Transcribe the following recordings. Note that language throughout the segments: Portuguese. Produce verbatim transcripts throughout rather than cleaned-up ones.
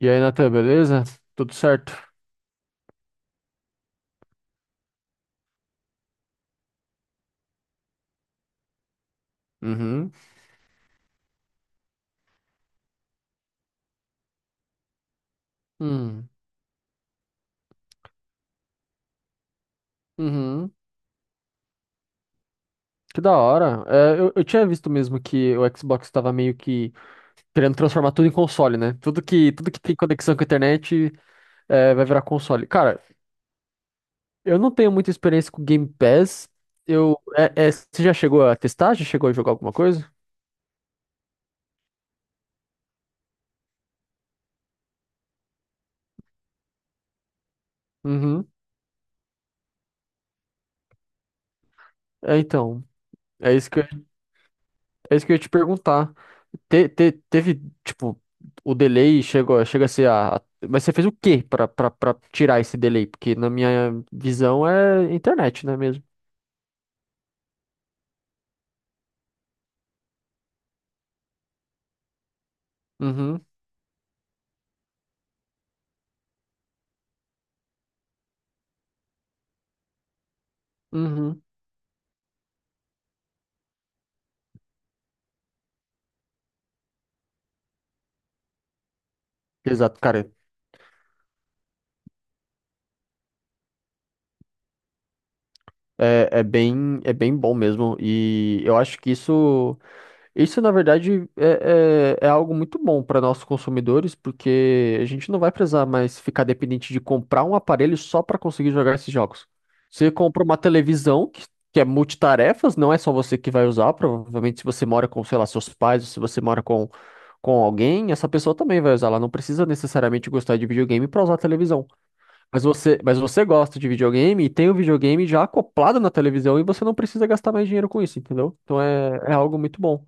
E aí, Natan, beleza? Tudo certo? Uhum. Uhum. Uhum. Que da hora. É, eu, eu tinha visto mesmo que o Xbox estava meio que querendo transformar tudo em console, né? Tudo que, tudo que tem conexão com a internet é, vai virar console. Cara, eu não tenho muita experiência com Game Pass. Eu, é, é, você já chegou a testar? Já chegou a jogar alguma coisa? Uhum. É, então. É isso que eu, é isso que eu ia te perguntar. Te- te- teve, tipo, o delay chegou, chega a ser a, a- mas você fez o quê pra, pra, pra tirar esse delay? Porque na minha visão é internet, né mesmo? Uhum, uhum. Exato, cara. É, é bem, é bem bom mesmo. E eu acho que isso. Isso, na verdade, é, é, é algo muito bom para nossos consumidores, porque a gente não vai precisar mais ficar dependente de comprar um aparelho só para conseguir jogar esses jogos. Você compra uma televisão, que, que é multitarefas, não é só você que vai usar, provavelmente se você mora com, sei lá, seus pais, ou se você mora com, com alguém, essa pessoa também vai usar. Ela não precisa necessariamente gostar de videogame para usar a televisão. Mas você, mas você gosta de videogame e tem o videogame já acoplado na televisão e você não precisa gastar mais dinheiro com isso, entendeu? Então é, é algo muito bom.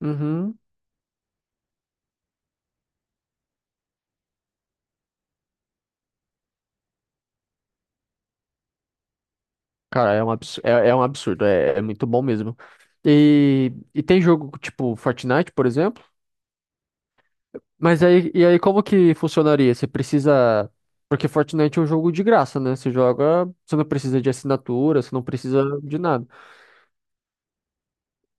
Uhum. Cara, é um absurdo, é, é um absurdo, é, é muito bom mesmo. E, e tem jogo tipo Fortnite, por exemplo, mas aí, e aí como que funcionaria? Você precisa, porque Fortnite é um jogo de graça, né? Você joga, você não precisa de assinatura, você não precisa de nada.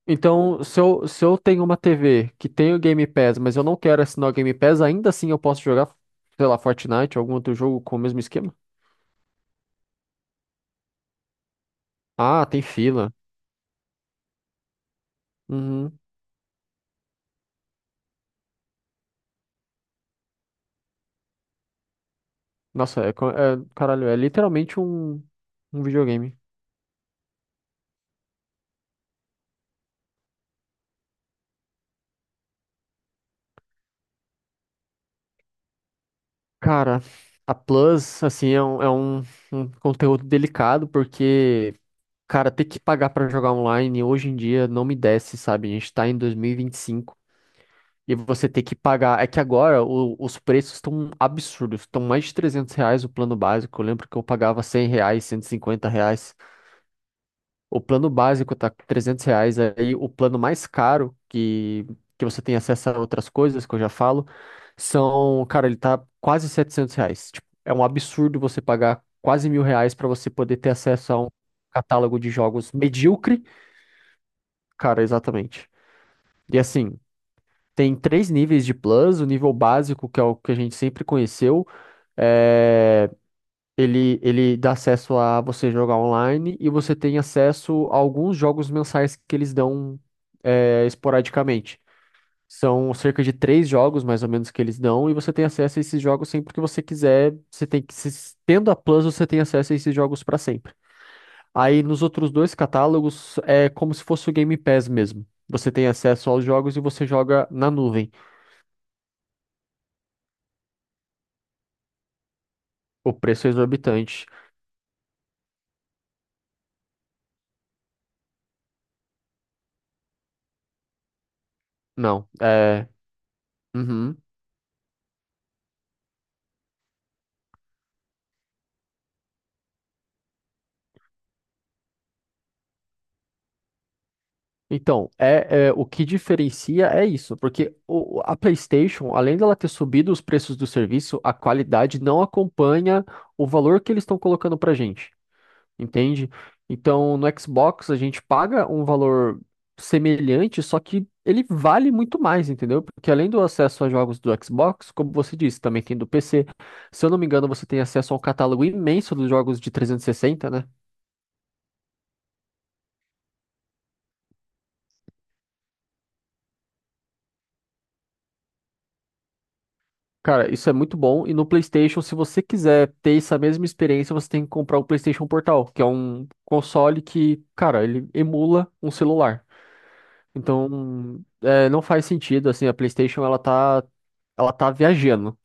Então, se eu, se eu tenho uma T V que tem o Game Pass, mas eu não quero assinar o Game Pass, ainda assim eu posso jogar, sei lá, Fortnite, algum outro jogo com o mesmo esquema? Ah, tem fila. Uhum. Nossa, é, co- é- caralho, é literalmente um, um videogame. Cara, a Plus, assim, é um, é um, um conteúdo delicado, porque, cara, ter que pagar pra jogar online hoje em dia não me desce, sabe? A gente tá em dois mil e vinte e e cinco e você ter que pagar. É que agora o- os preços estão absurdos, estão mais de trezentos reais o plano básico. Eu lembro que eu pagava cem reais, cento e cinquenta reais. O plano básico tá com trezentos reais, aí o plano mais caro, que, que você tem acesso a outras coisas, que eu já falo, são, cara, ele tá quase setecentos reais. Tipo, é um absurdo você pagar quase mil reais pra você poder ter acesso a um catálogo de jogos medíocre. Cara, exatamente. E assim, tem três níveis de plus, o nível básico, que é o que a gente sempre conheceu, eh, Ele, ele dá acesso a você jogar online e você tem acesso a alguns jogos mensais que eles dão é, esporadicamente. São cerca de três jogos, mais ou menos, que eles dão, e você tem acesso a esses jogos sempre que você quiser. Você tem que, se- tendo a Plus, você tem acesso a esses jogos para sempre. Aí nos outros dois catálogos é como se fosse o Game Pass mesmo. Você tem acesso aos jogos e você joga na nuvem. O preço é exorbitante. Não, é. Uhum. Então, é, é, o que diferencia é isso, porque o- a PlayStation, além dela ter subido os preços do serviço, a qualidade não acompanha o valor que eles estão colocando pra gente, entende? Então, no Xbox a gente paga um valor semelhante, só que ele vale muito mais, entendeu? Porque além do acesso a jogos do Xbox, como você disse, também tem do P C. Se eu não me engano, você tem acesso a um catálogo imenso dos jogos de trezentos e sessenta, né? Cara, isso é muito bom. E no PlayStation, se você quiser ter essa mesma experiência, você tem que comprar o PlayStation Portal, que é um console que, cara, ele emula um celular. Então, é, não faz sentido, assim, a PlayStation, ela tá, ela tá viajando.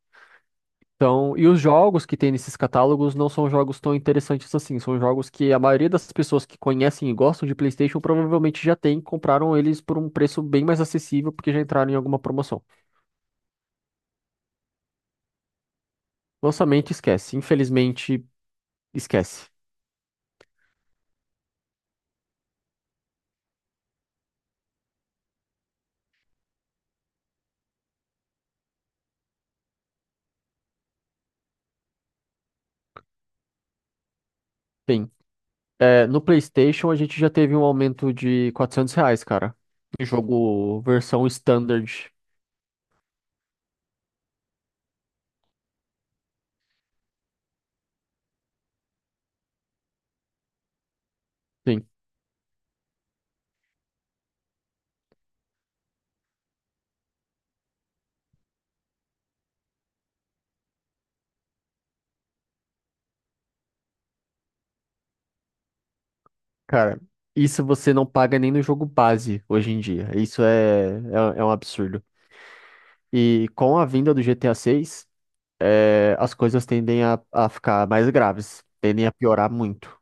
Então, e os jogos que tem nesses catálogos não são jogos tão interessantes assim. São jogos que a maioria das pessoas que conhecem e gostam de PlayStation provavelmente já tem, compraram eles por um preço bem mais acessível, porque já entraram em alguma promoção. Lançamento, esquece. Infelizmente, esquece. Tem. É, no PlayStation a gente já teve um aumento de quatrocentos reais, cara. Em Jogo versão standard. Sim, cara. Isso você não paga nem no jogo base hoje em dia. Isso é, é, é um absurdo. E com a vinda do G T A seis, as coisas tendem a, a ficar mais graves. Tendem a piorar muito.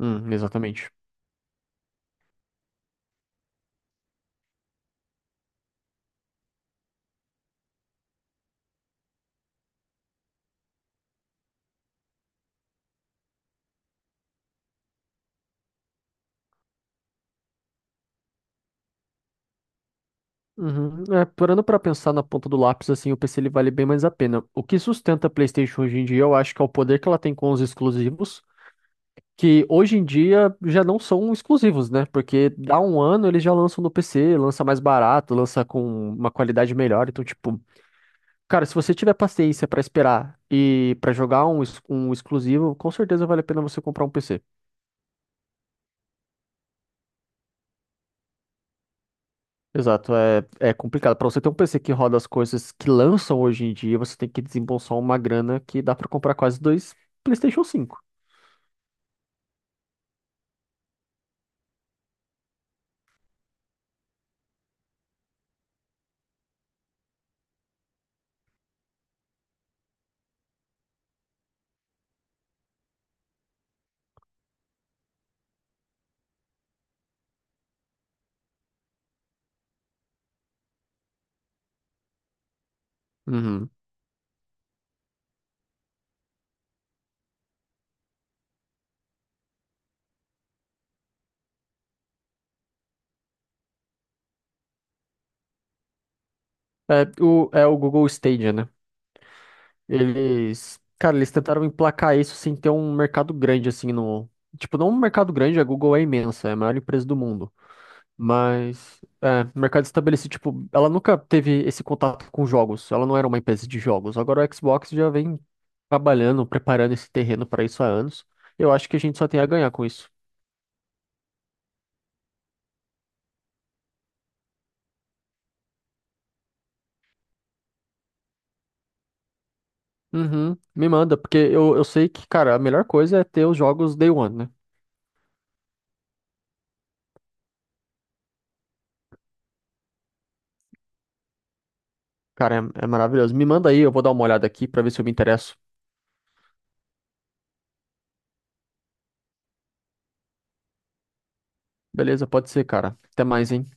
Hum, exatamente. Uhum. É, parando pra pensar na ponta do lápis, assim, o P C ele vale bem mais a pena. O que sustenta a PlayStation hoje em dia, eu acho que é o poder que ela tem com os exclusivos, que hoje em dia já não são exclusivos, né? Porque dá um ano eles já lançam no P C, lança mais barato, lança com uma qualidade melhor. Então, tipo, cara, se você tiver paciência pra esperar e pra jogar um, ex- um exclusivo, com certeza vale a pena você comprar um P C. Exato, é, é complicado. Para você ter um P C que roda as coisas que lançam hoje em dia, você tem que desembolsar uma grana que dá para comprar quase dois PlayStation cinco. Uhum. É o, é o Google Stadia, né? Eles, cara, eles tentaram emplacar isso sem ter um mercado grande assim no, tipo, não um mercado grande, a Google é imensa, é a maior empresa do mundo. Mas, é, mercado estabelecido, tipo, ela nunca teve esse contato com jogos, ela não era uma empresa de jogos. Agora o Xbox já vem trabalhando, preparando esse terreno para isso há anos. Eu acho que a gente só tem a ganhar com isso. Uhum, me manda, porque eu, eu sei que, cara, a melhor coisa é ter os jogos Day One, né? Cara, é, é maravilhoso. Me manda aí, eu vou dar uma olhada aqui para ver se eu me interesso. Beleza, pode ser, cara. Até mais, hein?